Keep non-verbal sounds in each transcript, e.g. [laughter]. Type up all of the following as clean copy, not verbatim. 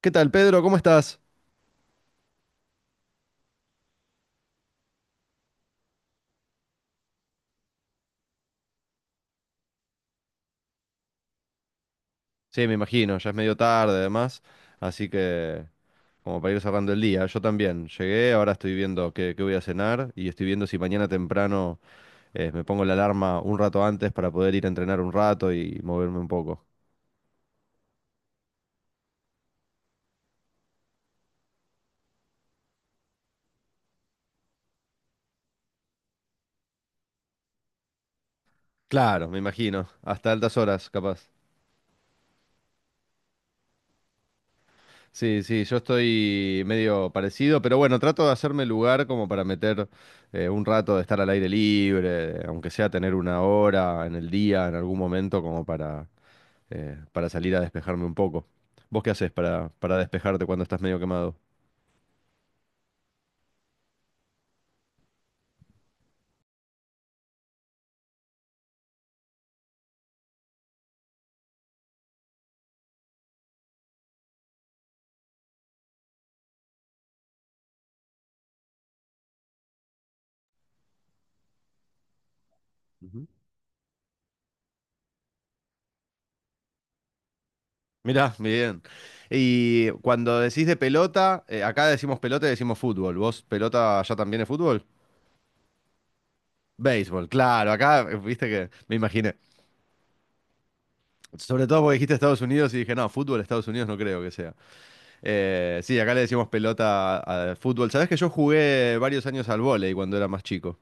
¿Qué tal, Pedro? ¿Cómo estás? Sí, me imagino, ya es medio tarde además, así que como para ir cerrando el día, yo también llegué, ahora estoy viendo qué voy a cenar y estoy viendo si mañana temprano me pongo la alarma un rato antes para poder ir a entrenar un rato y moverme un poco. Claro, me imagino, hasta altas horas, capaz. Sí, sí, yo estoy medio parecido, pero bueno, trato de hacerme lugar como para meter un rato de estar al aire libre, aunque sea tener una hora en el día, en algún momento, como para salir a despejarme un poco. ¿Vos qué haces para despejarte cuando estás medio quemado? Ujú. Mirá, bien. Y cuando decís de pelota, acá decimos pelota y decimos fútbol. ¿Vos pelota allá también es fútbol? Béisbol, claro, acá viste que me imaginé. Sobre todo porque dijiste Estados Unidos y dije, no, fútbol Estados Unidos no creo que sea. Sí, acá le decimos pelota al fútbol. Sabés que yo jugué varios años al vóley cuando era más chico.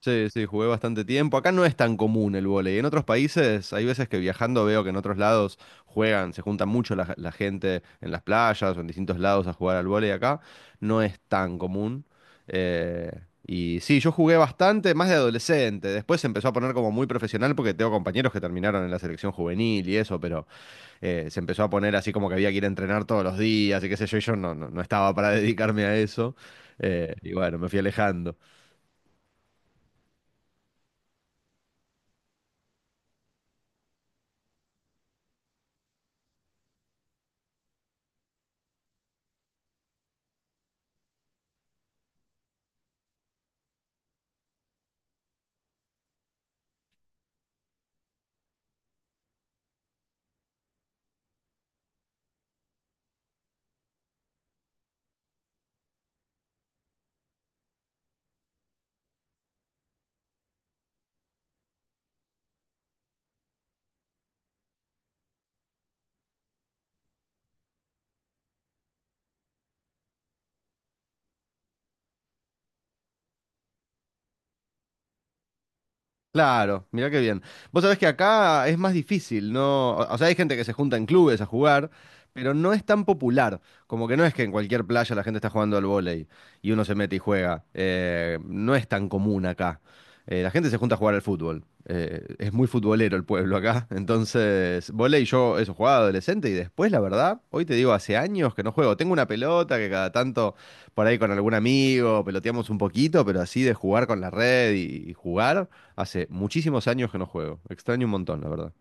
Sí, sí, jugué bastante tiempo. Acá no es tan común el vóley. En otros países hay veces que viajando veo que en otros lados juegan, se junta mucho la gente en las playas o en distintos lados a jugar al vóley. Acá no es tan común. Eh, y sí, yo jugué bastante, más de adolescente. Después se empezó a poner como muy profesional porque tengo compañeros que terminaron en la selección juvenil y eso, pero se empezó a poner así como que había que ir a entrenar todos los días y qué sé yo, y yo no, no, no estaba para [laughs] dedicarme a eso. Y bueno, me fui alejando. Claro, mirá qué bien. Vos sabés que acá es más difícil, ¿no? O sea, hay gente que se junta en clubes a jugar, pero no es tan popular. Como que no es que en cualquier playa la gente está jugando al vóley y uno se mete y juega. No es tan común acá. La gente se junta a jugar al fútbol. Es muy futbolero el pueblo acá. [laughs] Entonces, vóley yo eso jugaba adolescente y después, la verdad, hoy te digo, hace años que no juego. Tengo una pelota que cada tanto por ahí con algún amigo peloteamos un poquito, pero así de jugar con la red y jugar. Hace muchísimos años que no juego. Extraño un montón, la verdad.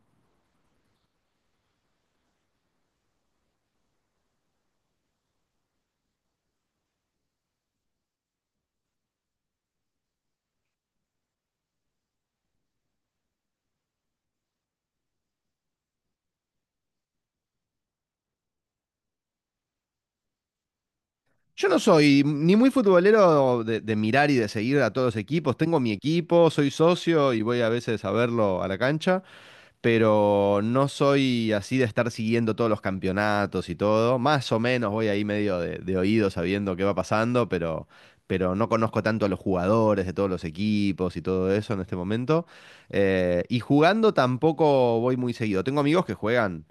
Yo no soy ni muy futbolero de mirar y de seguir a todos los equipos. Tengo mi equipo, soy socio y voy a veces a verlo a la cancha, pero no soy así de estar siguiendo todos los campeonatos y todo. Más o menos voy ahí medio de oído sabiendo qué va pasando, pero no conozco tanto a los jugadores de todos los equipos y todo eso en este momento. Y jugando tampoco voy muy seguido. Tengo amigos que juegan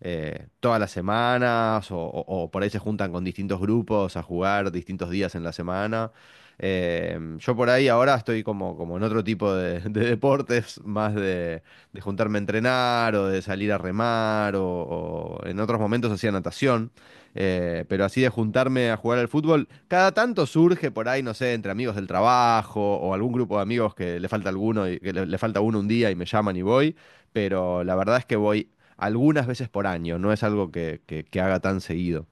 todas las semanas o por ahí se juntan con distintos grupos a jugar distintos días en la semana. Yo por ahí ahora estoy como en otro tipo de deportes, [laughs] más de juntarme a entrenar o de salir a remar o en otros momentos hacía natación, pero así de juntarme a jugar al fútbol, cada tanto surge por ahí, no sé, entre amigos del trabajo o algún grupo de amigos que le falta alguno y que le falta uno un día y me llaman y voy, pero la verdad es que voy algunas veces por año, no es algo que haga tan seguido.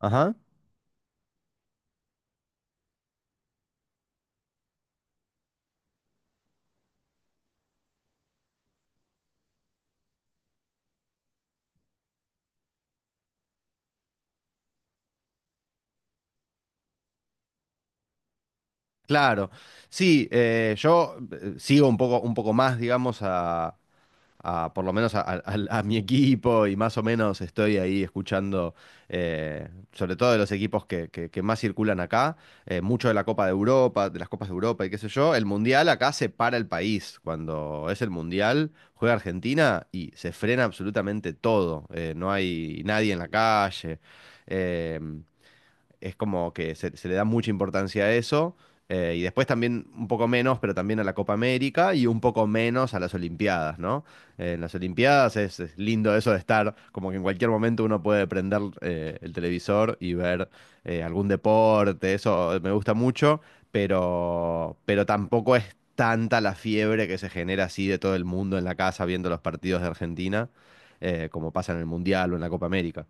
Ajá. Claro, sí, yo sigo un poco más, digamos, a- por lo menos a- al- a mi equipo y más o menos estoy ahí escuchando, sobre todo de los equipos que más circulan acá, mucho de la Copa de Europa, de las Copas de Europa y qué sé yo. El Mundial acá se para el país. Cuando es el Mundial, juega Argentina y se frena absolutamente todo. No hay nadie en la calle. Eh, es como que se le da mucha importancia a eso. Y después también un poco menos, pero también a la Copa América y un poco menos a las Olimpiadas, ¿no? En las Olimpiadas es lindo eso de estar, como que en cualquier momento uno puede prender el televisor y ver algún deporte, eso me gusta mucho, pero tampoco es tanta la fiebre que se genera así de todo el mundo en la casa viendo los partidos de Argentina, como pasa en el Mundial o en la Copa América.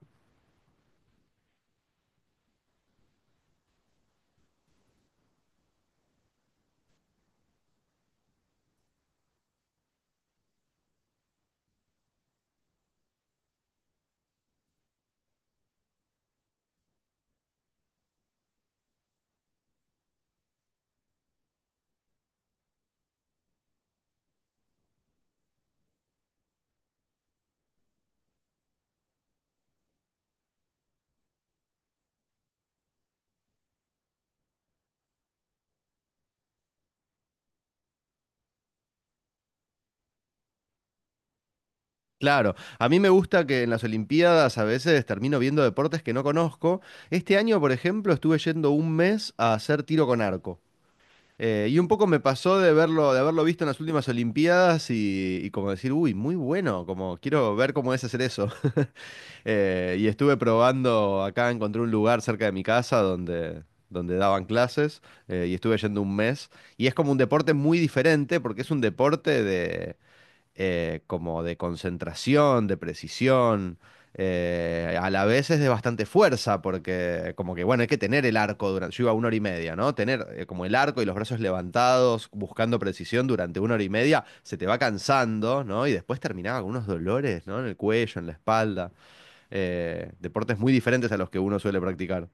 Claro, a mí me gusta que en las Olimpiadas a veces termino viendo deportes que no conozco. Este año, por ejemplo, estuve yendo un mes a hacer tiro con arco. Y un poco me pasó de verlo, de haberlo visto en las últimas Olimpiadas y como decir, uy, muy bueno, como quiero ver cómo es hacer eso. [laughs] Y estuve probando, acá encontré un lugar cerca de mi casa donde daban clases y estuve yendo un mes. Y es como un deporte muy diferente porque es un deporte de como de concentración, de precisión. A la vez es de bastante fuerza, porque como que, bueno, hay que tener el arco durante, yo iba una hora y media, ¿no? Tener como el arco y los brazos levantados, buscando precisión durante una hora y media, se te va cansando, ¿no? Y después terminaba con unos dolores, ¿no? En el cuello, en la espalda. Deportes muy diferentes a los que uno suele practicar.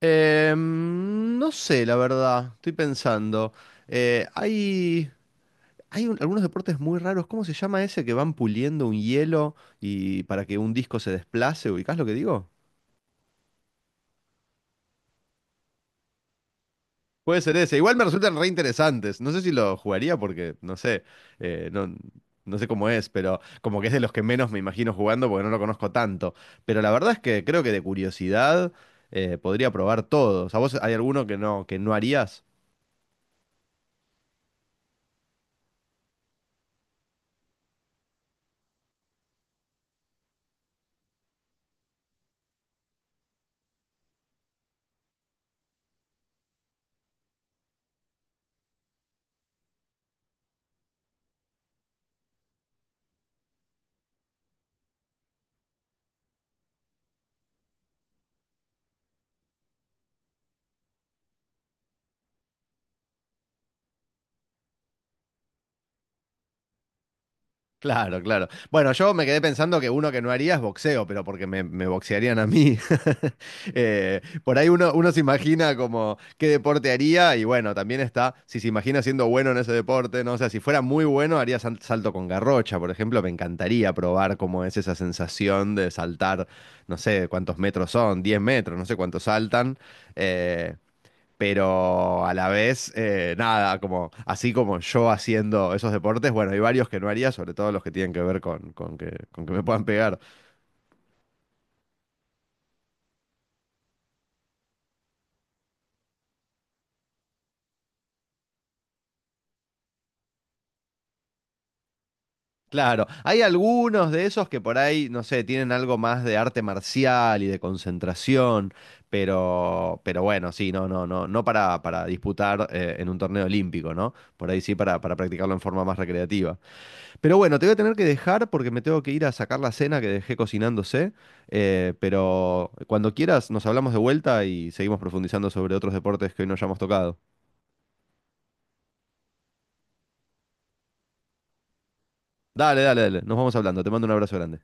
No sé, la verdad, estoy pensando. Eh, hay Hay algunos deportes muy raros. ¿Cómo se llama ese que van puliendo un hielo y para que un disco se desplace? ¿Ubicás lo que digo? Puede ser ese. Igual me resultan re interesantes. No sé si lo jugaría porque no sé, eh, no, no sé cómo es, pero como que es de los que menos me imagino jugando porque no lo conozco tanto. Pero la verdad es que creo que de curiosidad podría probar todos. ¿A vos hay alguno que no harías? Claro, claro. Bueno, yo me quedé pensando que uno que no haría es boxeo, pero porque me boxearían a mí. [laughs] Por ahí uno se imagina como qué deporte haría y bueno, también está, si se imagina siendo bueno en ese deporte, ¿no? O sea, si fuera muy bueno, haría salto con garrocha, por ejemplo, me encantaría probar cómo es esa sensación de saltar, no sé cuántos metros son, 10 metros, no sé cuántos saltan. Eh, pero a la vez, nada, como así como yo haciendo esos deportes, bueno, hay varios que no haría, sobre todo los que tienen que ver con que me puedan pegar. Claro, hay algunos de esos que por ahí, no sé, tienen algo más de arte marcial y de concentración, pero bueno, sí, no, no, no, no para, para disputar en un torneo olímpico, ¿no? Por ahí sí para practicarlo en forma más recreativa. Pero bueno, te voy a tener que dejar porque me tengo que ir a sacar la cena que dejé cocinándose. Pero cuando quieras, nos hablamos de vuelta y seguimos profundizando sobre otros deportes que hoy no hayamos tocado. Dale, dale, dale. Nos vamos hablando. Te mando un abrazo grande.